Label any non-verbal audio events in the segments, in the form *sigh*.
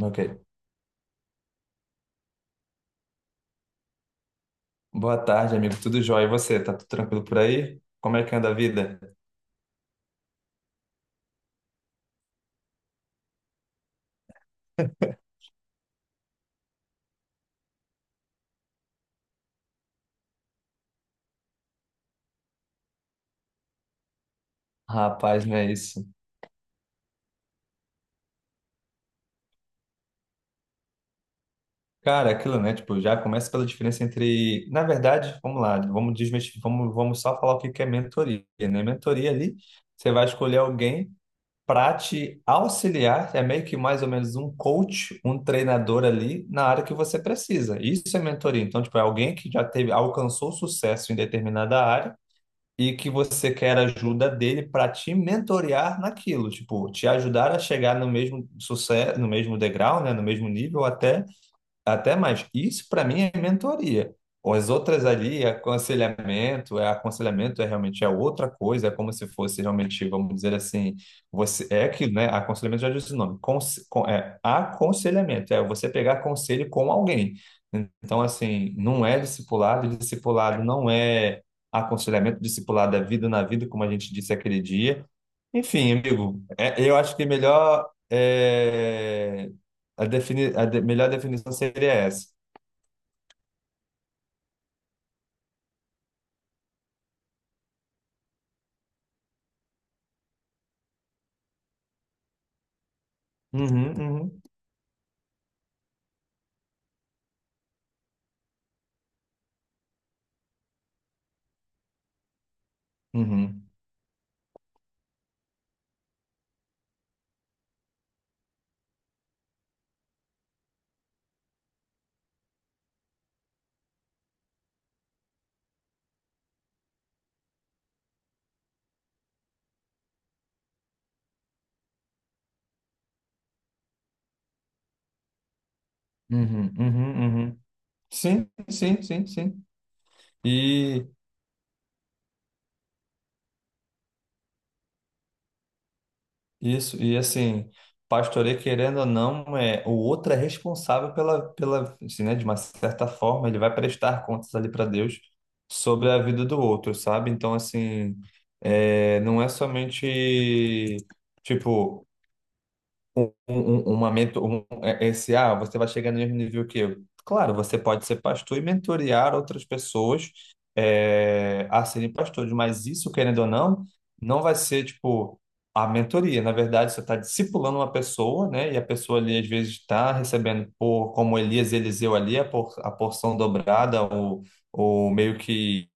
Ok. Boa tarde, amigo. Tudo jóia? E você? Tá tudo tranquilo por aí? Como é que anda a vida? *laughs* Rapaz, não é isso. Cara, é aquilo, né? Tipo, já começa pela diferença entre. Na verdade, vamos lá, vamos desmestir, vamos só falar o que que é mentoria, né? Mentoria ali, você vai escolher alguém para te auxiliar, é meio que mais ou menos um coach, um treinador ali na área que você precisa. Isso é mentoria. Então, tipo, é alguém que já teve, alcançou sucesso em determinada área e que você quer ajuda dele para te mentorear naquilo, tipo, te ajudar a chegar no mesmo sucesso, no mesmo degrau, né, no mesmo nível, até mais. Isso para mim é mentoria. As outras ali, é aconselhamento, é realmente é outra coisa, é como se fosse realmente, vamos dizer assim, você é aquilo, né? Aconselhamento já diz o nome. É aconselhamento, é você pegar conselho com alguém. Então, assim, não é discipulado, e discipulado não é aconselhamento, discipulado é vida na vida, como a gente disse aquele dia. Enfim, amigo, eu acho que melhor é, a, defini a de- melhor definição seria essa. Uhum, uhum, uhum, uhum, uhum, uhum. Sim, sim, sim, sim. E isso, e assim, pastoreio, querendo ou não, é, o outro é responsável pela, assim, né, de uma certa forma, ele vai prestar contas ali para Deus sobre a vida do outro, sabe? Então, assim, é, não é somente. Tipo, uma mentor um, é- esse, ah, você vai chegar no mesmo nível que eu. Claro, você pode ser pastor e mentorear outras pessoas, é, a serem pastores, mas isso, querendo ou não, não vai ser, tipo, a mentoria. Na verdade, você está discipulando uma pessoa, né? E a pessoa ali, às vezes, está recebendo, por, como Elias e Eliseu ali, a, por, a porção dobrada, ou meio que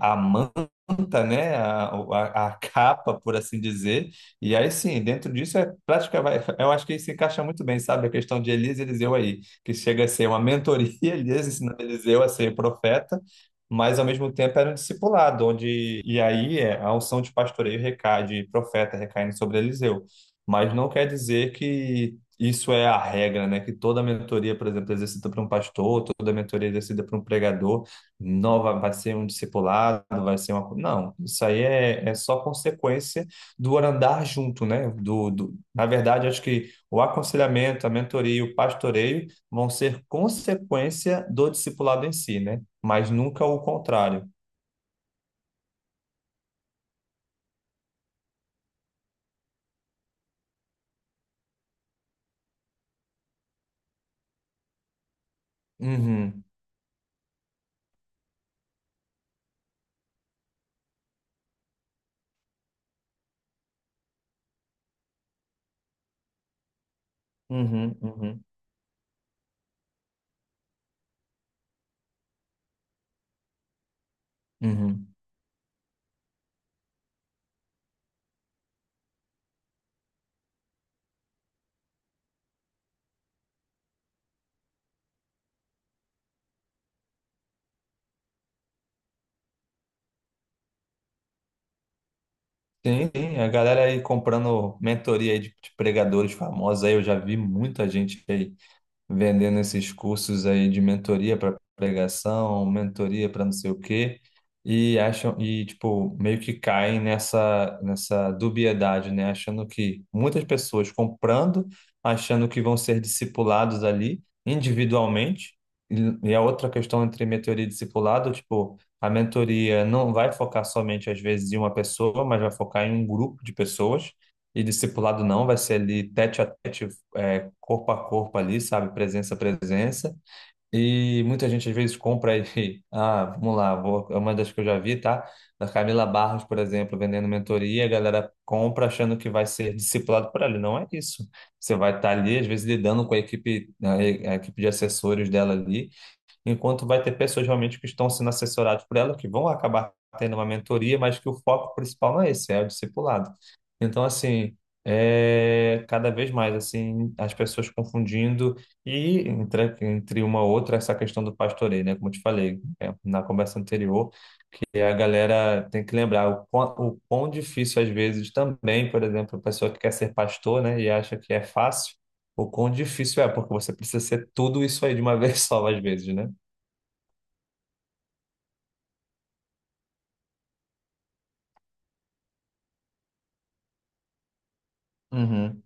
a manta, né? A capa, por assim dizer, e aí sim, dentro disso é prática, vai, eu acho que isso se encaixa muito bem, sabe? A questão de Elias e Eliseu aí, que chega a ser uma mentoria, *laughs* Elias ensinando Eliseu a ser profeta, mas ao mesmo tempo era um discipulado, onde a unção de pastoreio recai, de profeta recaindo sobre Eliseu. Mas não quer dizer que isso é a regra, né? Que toda mentoria, por exemplo, exercida por um pastor, toda mentoria exercida por um pregador, não vai, vai ser um discipulado, vai ser uma. Co- Não, isso aí é, é só consequência do andar junto, né? Na verdade, acho que o aconselhamento, a mentoria, o pastoreio vão ser consequência do discipulado em si, né? Mas nunca o contrário. Uhum, uhum, uhum, uhum. Sim, sim, a galera aí comprando mentoria aí de pregadores famosos aí, eu já vi muita gente aí vendendo esses cursos aí de mentoria para pregação, mentoria para não sei o quê, e acham e tipo meio que caem nessa dubiedade, né, achando que muitas pessoas comprando, achando que vão ser discipulados ali individualmente. E a outra questão entre mentoria e discipulado, tipo, a mentoria não vai focar somente às vezes em uma pessoa, mas vai focar em um grupo de pessoas. E discipulado não, vai ser ali tete a tete, é, corpo a corpo ali, sabe? Presença a presença. E muita gente às vezes compra aí. *laughs* Ah, vamos lá, vou, é uma das que eu já vi, tá? Da Camila Barros, por exemplo, vendendo mentoria, a galera compra achando que vai ser discipulado por ela. Não é isso. Você vai estar ali, às vezes, lidando com a equipe, a equipe de assessores dela ali, enquanto vai ter pessoas realmente que estão sendo assessoradas por ela, que vão acabar tendo uma mentoria, mas que o foco principal não é esse, é o discipulado. Então, assim, é cada vez mais, assim, as pessoas confundindo entre uma outra, essa questão do pastoreio, né? Como eu te falei, é, na conversa anterior, e a galera tem que lembrar o quão difícil às vezes também, por exemplo, a pessoa que quer ser pastor, né, e acha que é fácil, o quão difícil é, porque você precisa ser tudo isso aí de uma *laughs* vez só, às vezes, né? Uhum,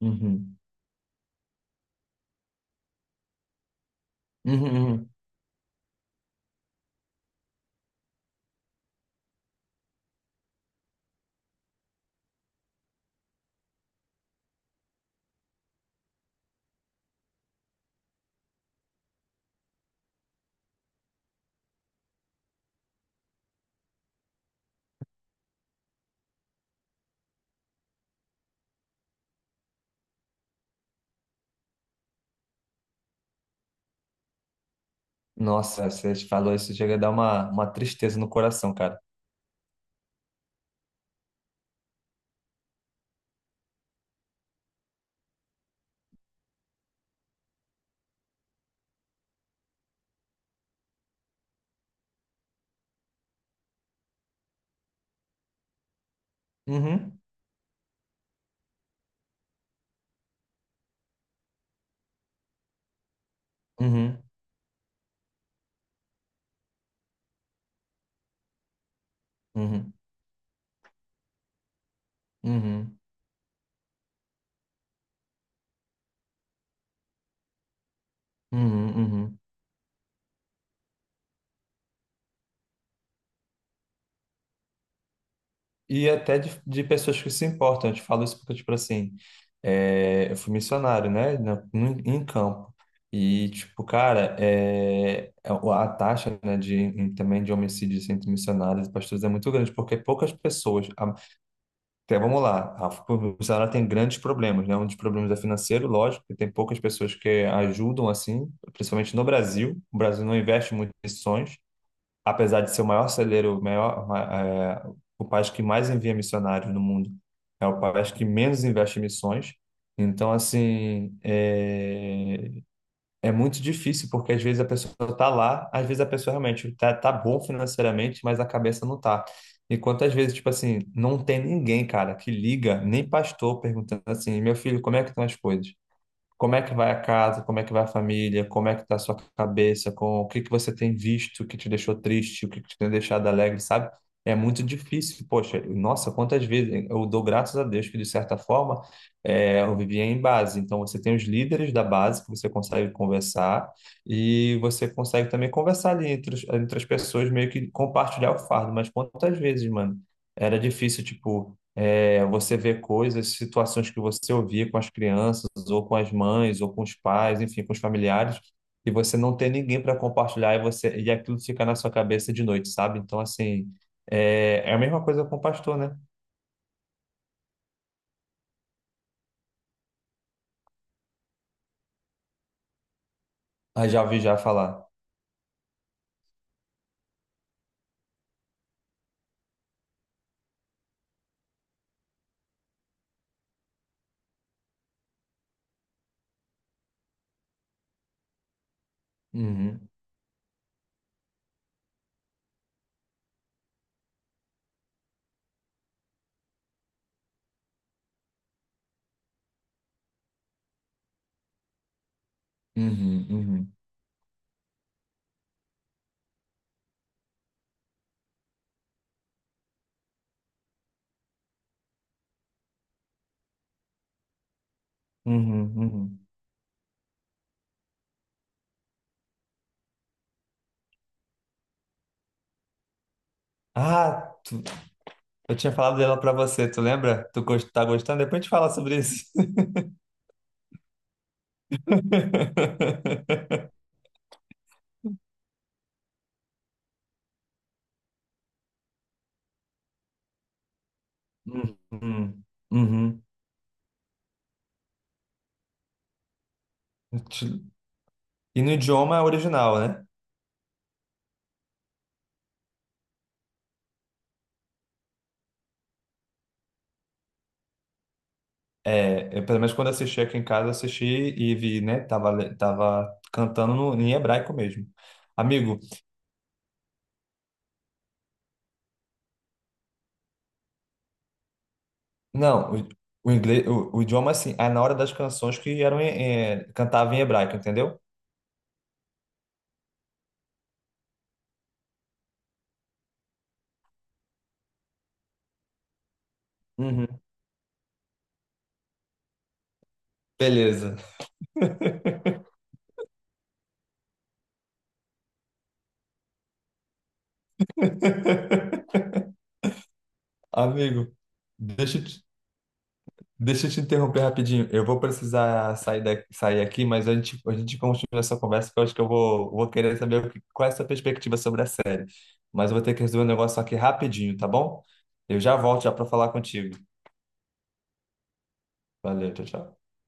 uhum, uhum, uhum. Nossa, você falou isso, chega a dar uma tristeza no coração, cara. Uhum, uhum, uhum, uhum, uhum, uhum. E até de pessoas que se importam, eu te falo isso porque, tipo assim, é, eu fui missionário, né, em campo. E, tipo, cara, é, a taxa, né, também de homicídios entre missionários e pastores é muito grande, porque poucas pessoas... Então, vamos lá. A publicidade tem grandes problemas, né? Um dos problemas é financeiro, lógico, que tem poucas pessoas que ajudam assim, principalmente no Brasil. O Brasil não investe muito em missões, apesar de ser o maior celeiro, o maior, ma- é, o país que mais envia missionários no mundo, é o país que menos investe em missões. Então, assim, é, é muito difícil, porque às vezes a pessoa está lá, às vezes a pessoa realmente está tá bom financeiramente, mas a cabeça não tá. E quantas vezes, tipo assim, não tem ninguém, cara, que liga, nem pastor perguntando assim, meu filho, como é que estão as coisas? Como é que vai a casa? Como é que vai a família? Como é que tá a sua cabeça? Com o que que você tem visto que te deixou triste? O que que te tem deixado alegre, sabe? É muito difícil. Poxa, nossa, quantas vezes eu dou graças a Deus que, de certa forma, é, eu vivia em base. Então, você tem os líderes da base que você consegue conversar, e você consegue também conversar ali entre as pessoas, meio que compartilhar o fardo. Mas quantas vezes, mano? Era difícil, tipo. É, você vê coisas, situações que você ouvia com as crianças, ou com as mães, ou com os pais, enfim, com os familiares, e você não tem ninguém para compartilhar e você e aquilo fica na sua cabeça de noite, sabe? Então, assim, é, é a mesma coisa com o pastor, né? Ah, já ouvi já falar. Uhum, uhum, uhum, uhum, uhum. Ah, eu tinha falado dela para você, tu lembra? Tá gostando? Depois a gente fala sobre isso. *laughs* Uhum, uhum. E no idioma original, né? É, eu, pelo menos quando assisti aqui em casa, assisti e vi, né? Tava, tava cantando em hebraico mesmo. Amigo, não, o inglês, o idioma assim, é na hora das canções que eram em, cantava em hebraico, entendeu? Uhum. Beleza. *laughs* Amigo, deixa, eu te- deixa eu te interromper rapidinho. Eu vou precisar sair, sair aqui, mas a gente continua essa conversa, que eu acho que vou querer saber qual é a sua perspectiva sobre a série. Mas eu vou ter que resolver um negócio aqui rapidinho, tá bom? Eu já volto já para falar contigo. Valeu, tchau, tchau.